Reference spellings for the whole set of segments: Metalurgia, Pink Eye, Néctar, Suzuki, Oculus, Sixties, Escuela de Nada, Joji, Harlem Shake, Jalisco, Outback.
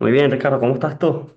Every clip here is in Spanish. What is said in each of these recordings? Muy bien, Ricardo, ¿cómo estás tú?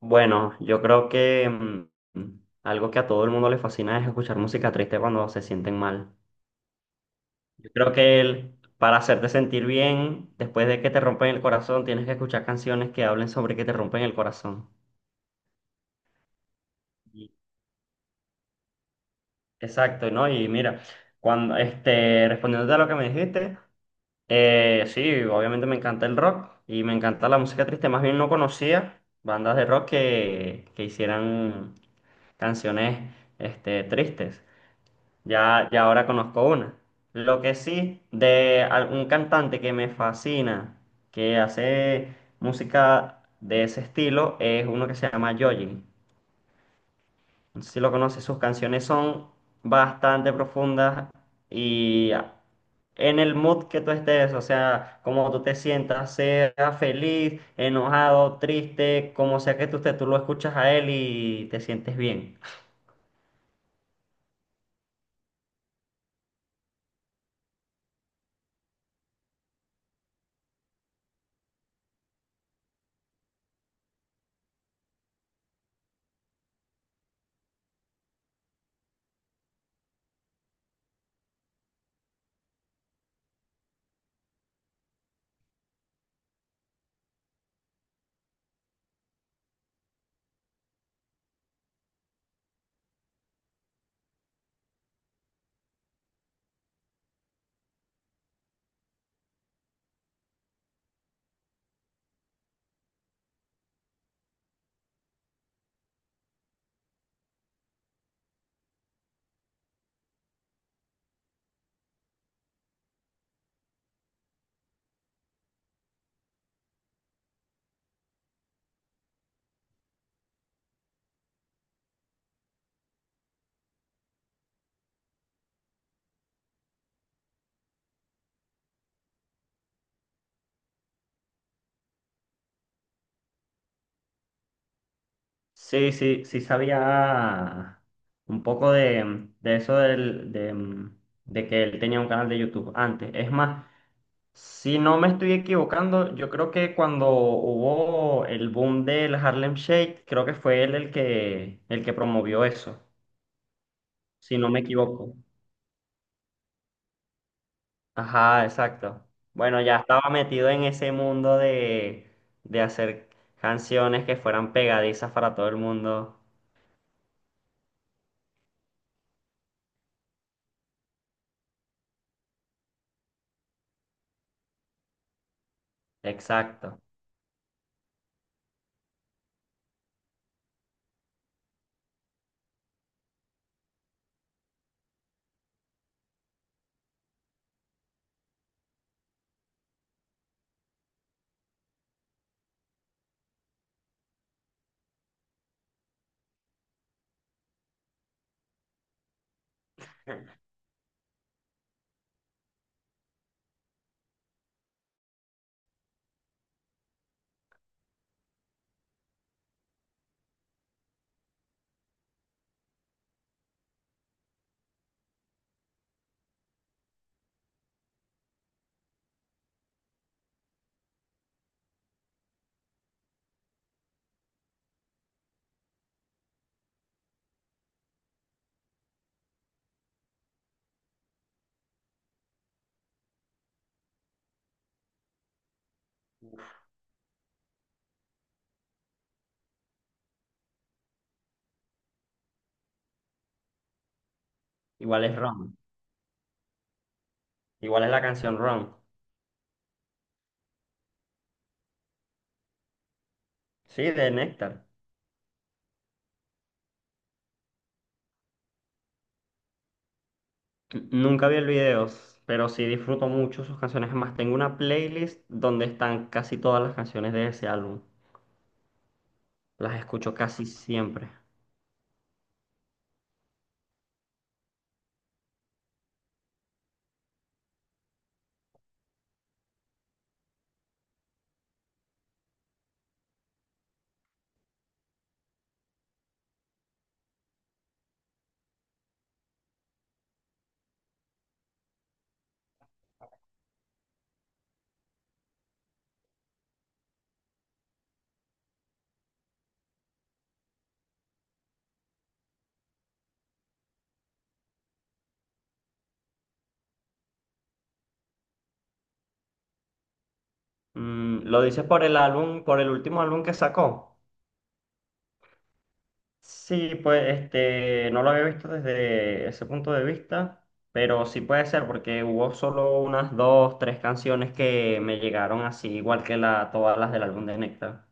Bueno, yo creo que mm, algo que a todo el mundo le fascina es escuchar música triste cuando se sienten mal. Yo creo que para hacerte sentir bien, después de que te rompen el corazón, tienes que escuchar canciones que hablen sobre que te rompen el corazón. Y- Exacto, ¿no? Y mira, cuando este, respondiéndote a lo que me dijiste, sí, obviamente me encanta el rock y me encanta la música triste. Más bien no conocía bandas de rock que hicieran canciones este, tristes. Ya ahora conozco una. Lo que sí, de algún cantante que me fascina, que hace música de ese estilo, es uno que se llama Joji. No sé si lo conoces, sus canciones son bastante profundas y en el mood que tú estés, o sea, como tú te sientas, sea feliz, enojado, triste, como sea que tú estés, tú lo escuchas a él y te sientes bien. Sí, sí, sí sabía un poco de eso de que él tenía un canal de YouTube antes. Es más, si no me estoy equivocando, yo creo que cuando hubo el boom del Harlem Shake, creo que fue él el que promovió eso, si no me equivoco. Ajá, exacto. Bueno, ya estaba metido en ese mundo de hacer canciones que fueran pegadizas para todo el mundo. Exacto. Igual es Roma. Igual es la canción Run. Sí, de Néctar. Nunca vi el video, pero sí disfruto mucho sus canciones. Además, tengo una playlist donde están casi todas las canciones de ese álbum. Las escucho casi siempre. ¿Lo dices por el álbum, por el último álbum que sacó? Sí, pues este, no lo había visto desde ese punto de vista, pero sí puede ser porque hubo solo unas dos, tres canciones que me llegaron así, igual que todas las del álbum de Nectar.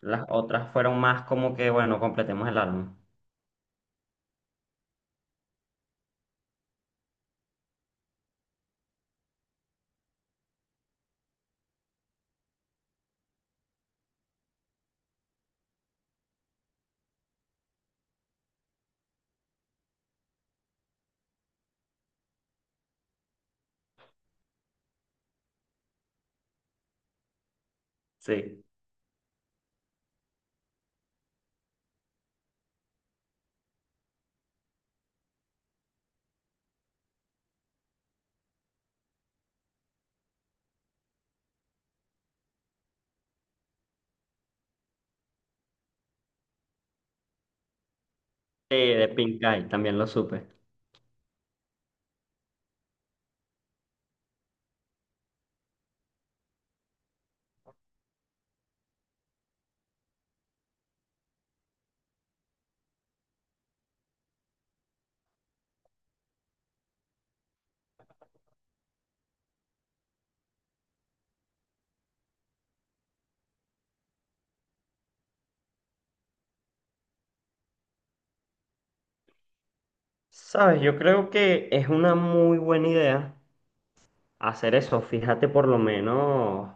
Las otras fueron más como que, bueno, completemos el álbum. Sí. Sí, de Pink Eye, también lo supe. Sabes, yo creo que es una muy buena idea hacer eso. Fíjate por lo menos,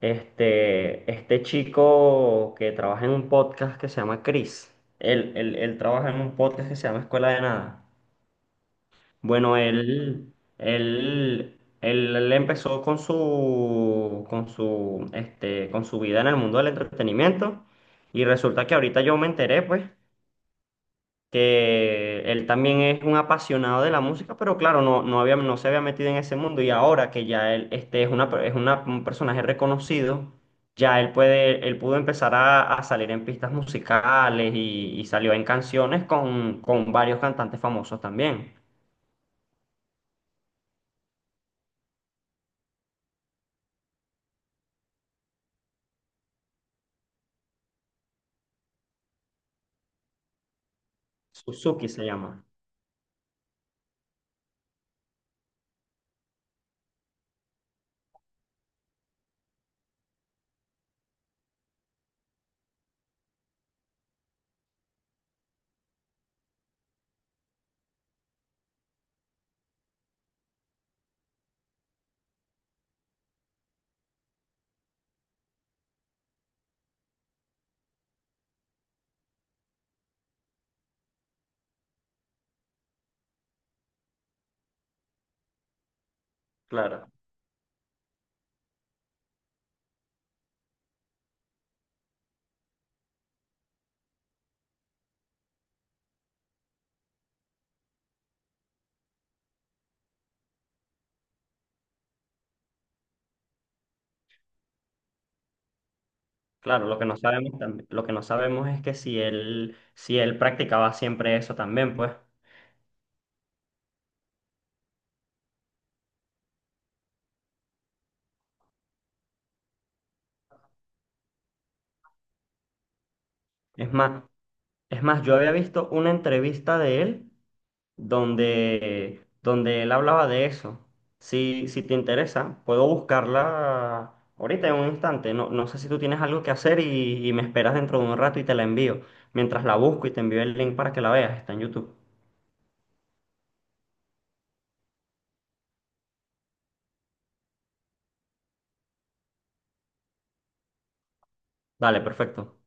este chico que trabaja en un podcast que se llama Chris. Él trabaja en un podcast que se llama Escuela de Nada. Bueno, él empezó con este, con su vida en el mundo del entretenimiento y resulta que ahorita yo me enteré, pues, que él también es un apasionado de la música, pero claro, no, no había, no se había metido en ese mundo y ahora que ya él, este, es una, per- es una- un personaje reconocido, ya él puede, él pudo empezar a salir en pistas musicales y salió en canciones con varios cantantes famosos también. Suzuki se llama. Claro, claro, lo que no sabemos lo que no sabemos es que si él, si él practicaba siempre eso también, pues. Es más, es más, yo había visto una entrevista de él donde él hablaba de eso. Si te interesa, puedo buscarla ahorita en un instante. No, no sé si tú tienes algo que hacer y me esperas dentro de un rato y te la envío. Mientras la busco y te envío el link para que la veas, está en YouTube. Dale, perfecto.